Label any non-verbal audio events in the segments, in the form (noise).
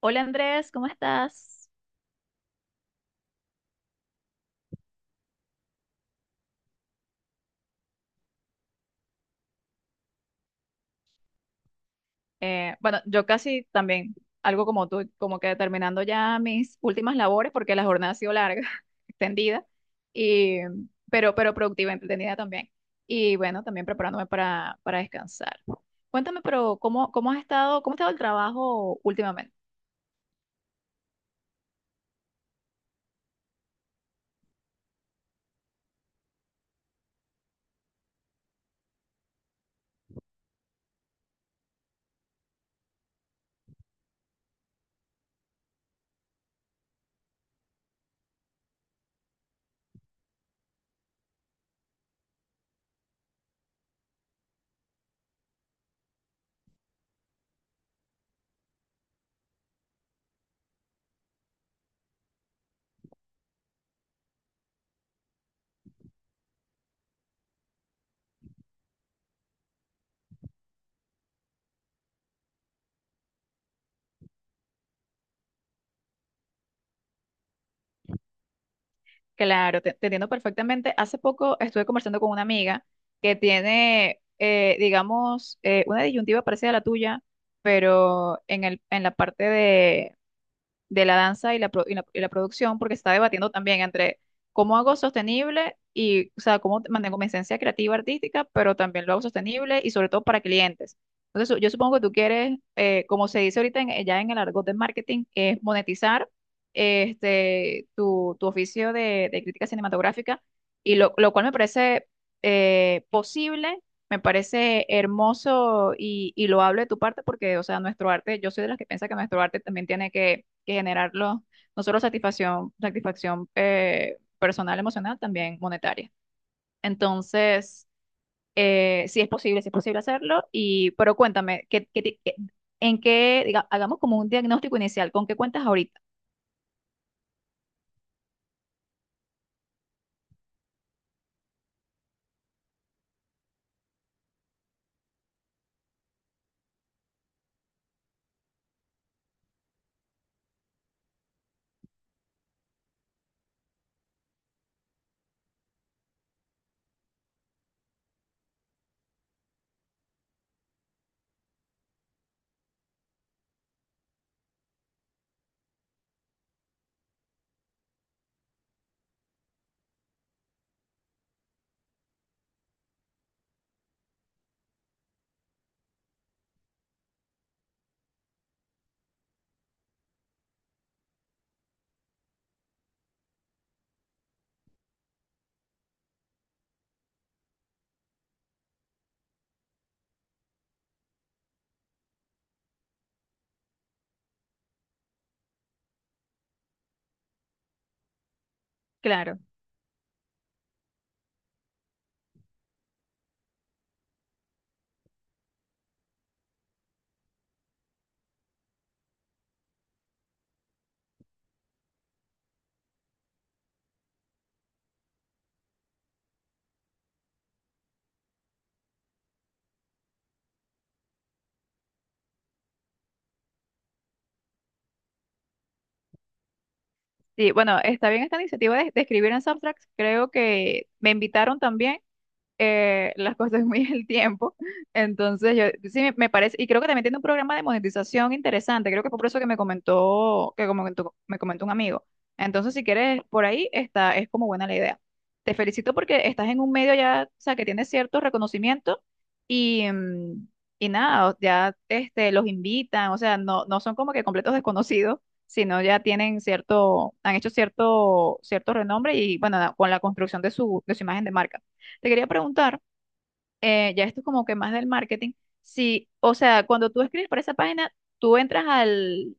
Hola Andrés, ¿cómo estás? Bueno, yo casi también, algo como tú, como que terminando ya mis últimas labores, porque la jornada ha sido larga, (laughs) extendida, y, pero productiva, entretenida también. Y bueno, también preparándome para descansar. Cuéntame, pero ¿cómo has estado, cómo ha estado el trabajo últimamente? Claro, te entiendo perfectamente. Hace poco estuve conversando con una amiga que tiene, digamos, una disyuntiva parecida a la tuya, pero en la parte de la danza y la, pro- y la producción, porque se está debatiendo también entre cómo hago sostenible y, o sea, cómo mantengo mi esencia creativa artística, pero también lo hago sostenible y sobre todo para clientes. Entonces, yo supongo que tú quieres, como se dice ahorita ya en el argot de marketing, es monetizar tu oficio de crítica cinematográfica, y lo cual me parece posible. Me parece hermoso y loable de tu parte porque, o sea, nuestro arte, yo soy de las que piensa que nuestro arte también tiene que generarlo no solo satisfacción, satisfacción personal, emocional, también monetaria. Entonces, sí es posible hacerlo, pero cuéntame, ¿qué, qué ti- qué- en qué, diga- hagamos como un diagnóstico inicial, ¿con qué cuentas ahorita? Claro. Sí, bueno, está bien esta iniciativa de escribir en Subtract, creo que me invitaron también las cosas (laughs) muy el tiempo. Entonces, yo sí me parece, y creo que también tiene un programa de monetización interesante. Creo que fue por eso que me comentó, que como que me comentó un amigo. Entonces, si quieres, por ahí está, es como buena la idea. Te felicito porque estás en un medio ya, o sea, que tiene cierto reconocimiento y, mm, y nada, ya los invitan, o sea, no, no son como que completos desconocidos, sino ya tienen cierto, han hecho cierto, cierto renombre y bueno, nada, con la construcción de de su imagen de marca. Te quería preguntar, ya esto es como que más del marketing, si, o sea, cuando tú escribes para esa página, tú entras al,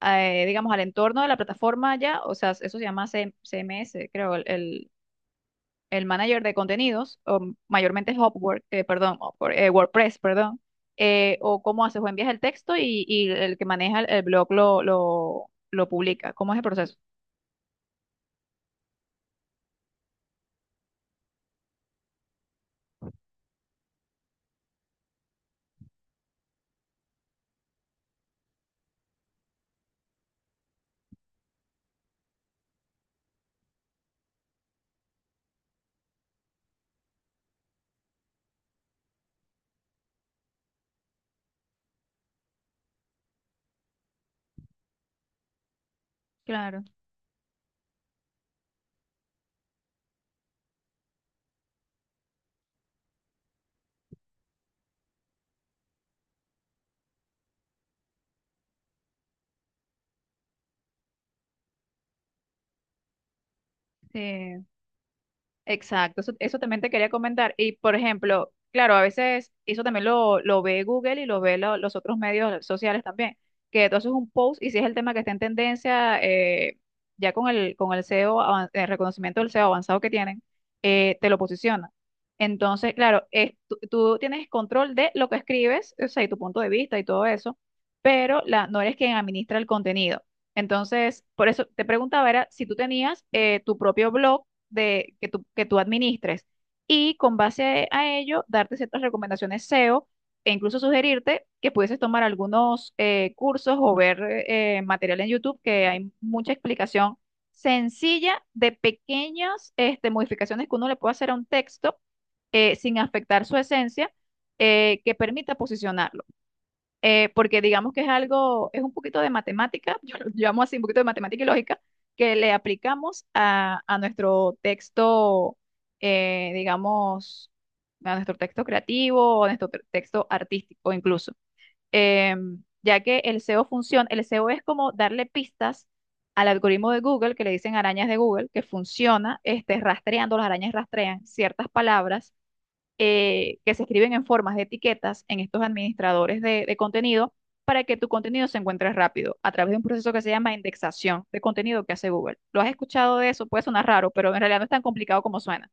a, eh, digamos, al entorno de la plataforma ya, o sea, eso se llama CMS, creo, el manager de contenidos, o mayormente es Upwork, perdón, Upwork, WordPress, perdón, o cómo haces, o envías el texto y el que maneja el blog lo publica. ¿Cómo es el proceso? Claro, sí. Exacto, eso también te quería comentar. Y por ejemplo, claro, a veces eso también lo ve Google y lo ve los otros medios sociales también, que tú haces un post y si es el tema que está en tendencia, ya con el SEO, el reconocimiento del SEO avanzado que tienen, te lo posiciona. Entonces, claro, tú tienes control de lo que escribes, o sea, y tu punto de vista y todo eso, pero no eres quien administra el contenido. Entonces, por eso te preguntaba, era si tú tenías tu propio blog que tú administres y con base a ello darte ciertas recomendaciones SEO e incluso sugerirte que pudieses tomar algunos cursos o ver material en YouTube que hay mucha explicación sencilla de pequeñas modificaciones que uno le puede hacer a un texto sin afectar su esencia que permita posicionarlo porque digamos que es algo, es un poquito de matemática, (laughs) yo lo llamo así un poquito de matemática y lógica, que le aplicamos a nuestro texto, digamos, a nuestro texto creativo o a nuestro texto artístico incluso. Ya que el SEO funciona, el SEO es como darle pistas al algoritmo de Google, que le dicen arañas de Google, que funciona, rastreando, las arañas rastrean ciertas palabras que se escriben en formas de etiquetas en estos administradores de contenido para que tu contenido se encuentre rápido a través de un proceso que se llama indexación de contenido que hace Google. ¿Lo has escuchado de eso? Puede sonar raro, pero en realidad no es tan complicado como suena.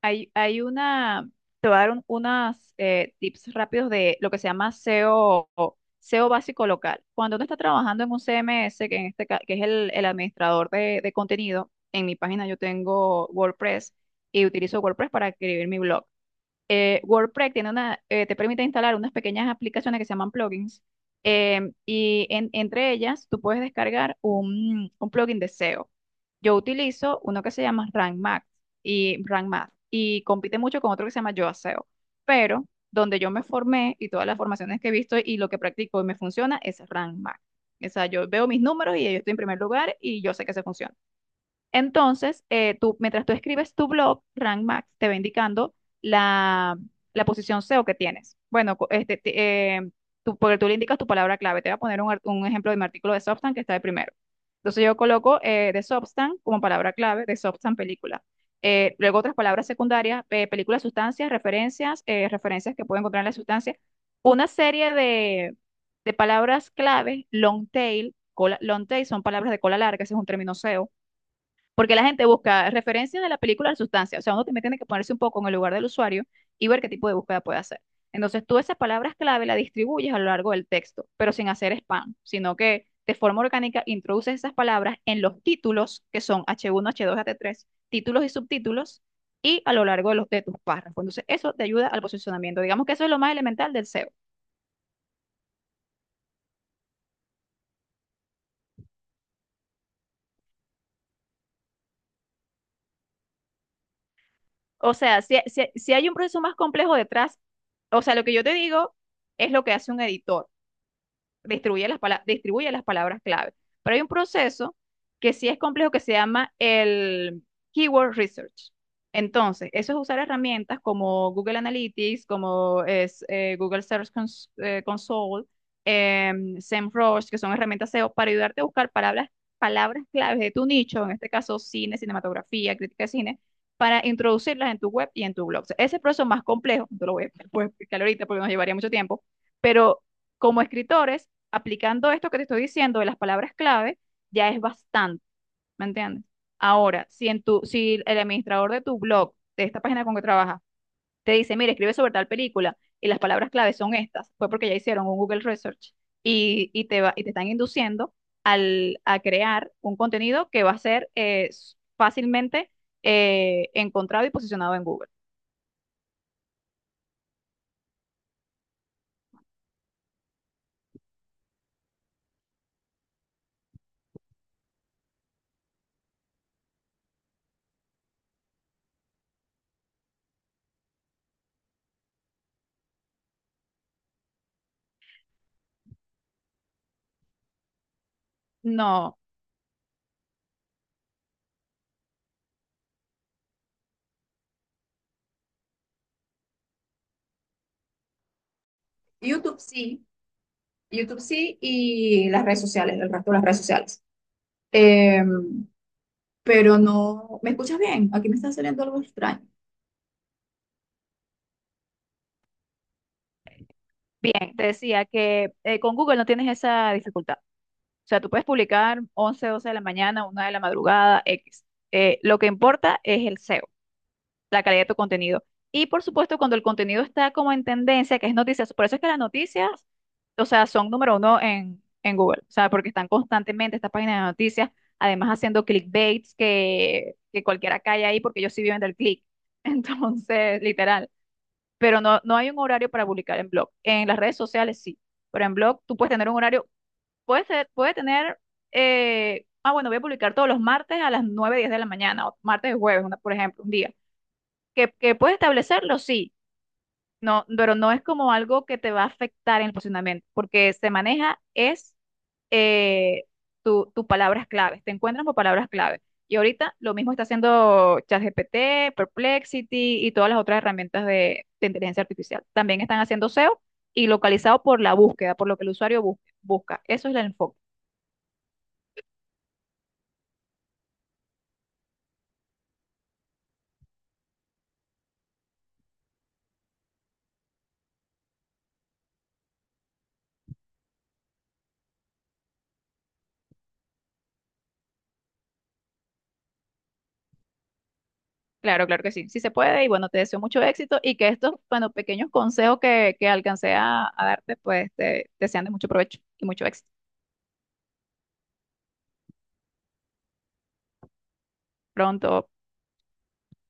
Hay, hay una, Te voy a dar unas tips rápidos de lo que se llama SEO, o SEO básico local. Cuando uno está trabajando en un CMS, que, en este, ca- que es el administrador de contenido, en mi página yo tengo WordPress y utilizo WordPress para escribir mi blog. WordPress tiene te permite instalar unas pequeñas aplicaciones que se llaman plugins. Y entre ellas, tú puedes descargar un plugin de SEO. Yo utilizo uno que se llama Rank Math, y compite mucho con otro que se llama Yoa SEO. Pero donde yo me formé y todas las formaciones que he visto y lo que practico y me funciona es Rank Math. O sea, yo veo mis números y yo estoy en primer lugar y yo sé que se funciona. Entonces, mientras tú escribes tu blog, Rank Max te va indicando la, la posición SEO que tienes. Porque tú le indicas tu palabra clave. Te voy a poner un ejemplo de mi artículo de Substan que está de primero. Entonces, yo coloco de Substan como palabra clave, de Substan película. Luego otras palabras secundarias, película, sustancias, referencias, referencias que puedo encontrar en la sustancia. Una serie de palabras clave, long tail, long tail son palabras de cola larga, ese es un término SEO porque la gente busca referencias de la película a la sustancia. O sea, uno también tiene que ponerse un poco en el lugar del usuario y ver qué tipo de búsqueda puede hacer. Entonces, tú esas palabras clave las distribuyes a lo largo del texto, pero sin hacer spam, sino que de forma orgánica introduces esas palabras en los títulos, que son H1, H2, H3, títulos y subtítulos, y a lo largo de tus párrafos. Entonces, eso te ayuda al posicionamiento. Digamos que eso es lo más elemental del SEO. O sea, si hay un proceso más complejo detrás, o sea, lo que yo te digo es lo que hace un editor distribuye distribuye las palabras clave. Pero hay un proceso que sí es complejo que se llama el Keyword Research. Entonces, eso es usar herramientas como Google Analytics, Google Search Console, SEMrush, que son herramientas SEO para ayudarte a buscar palabras claves de tu nicho, en este caso cine, cinematografía, crítica de cine, para introducirlas en tu web y en tu blog. O sea, ese proceso más complejo, no te lo puedo explicar ahorita porque nos llevaría mucho tiempo, pero como escritores aplicando esto que te estoy diciendo de las palabras clave, ya es bastante, ¿me entiendes? Ahora, si el administrador de tu blog, de esta página con que trabajas, te dice, mira, escribe sobre tal película y las palabras clave son estas, fue porque ya hicieron un Google Research y te están induciendo a crear un contenido que va a ser fácilmente encontrado y posicionado en Google. No, YouTube sí, YouTube sí y las redes sociales, el resto de las redes sociales. Eh, pero no. ¿Me escuchas bien? Aquí me está saliendo algo extraño. Bien, te decía que con Google no tienes esa dificultad. O sea, tú puedes publicar 11 12 de la mañana, 1 de la madrugada, X. Lo que importa es el SEO, la calidad de tu contenido. Y por supuesto, cuando el contenido está como en tendencia, que es noticias, por eso es que las noticias, o sea, son número uno en Google. O sea, porque están constantemente estas páginas de noticias, además haciendo clickbaits que cualquiera cae ahí porque ellos sí viven del click. (laughs) Entonces, literal. Pero no, no hay un horario para publicar en blog. En las redes sociales sí, pero en blog tú puedes tener un horario, puede ser, puede tener, ah, bueno, voy a publicar todos los martes a las 9 10 de la mañana, o martes y jueves, por ejemplo, un día. Que puedes establecerlo, sí, no, pero no es como algo que te va a afectar en el posicionamiento, porque se maneja es eh, tus palabras claves, te encuentran por palabras clave. Y ahorita lo mismo está haciendo ChatGPT, Perplexity y todas las otras herramientas de inteligencia artificial. También están haciendo SEO y localizado por la búsqueda, por lo que el usuario busca. Eso es el enfoque. Claro, claro que sí, sí se puede y bueno, te deseo mucho éxito y que estos, bueno, pequeños consejos que alcancé a darte, pues te sean de mucho provecho y mucho éxito. Pronto.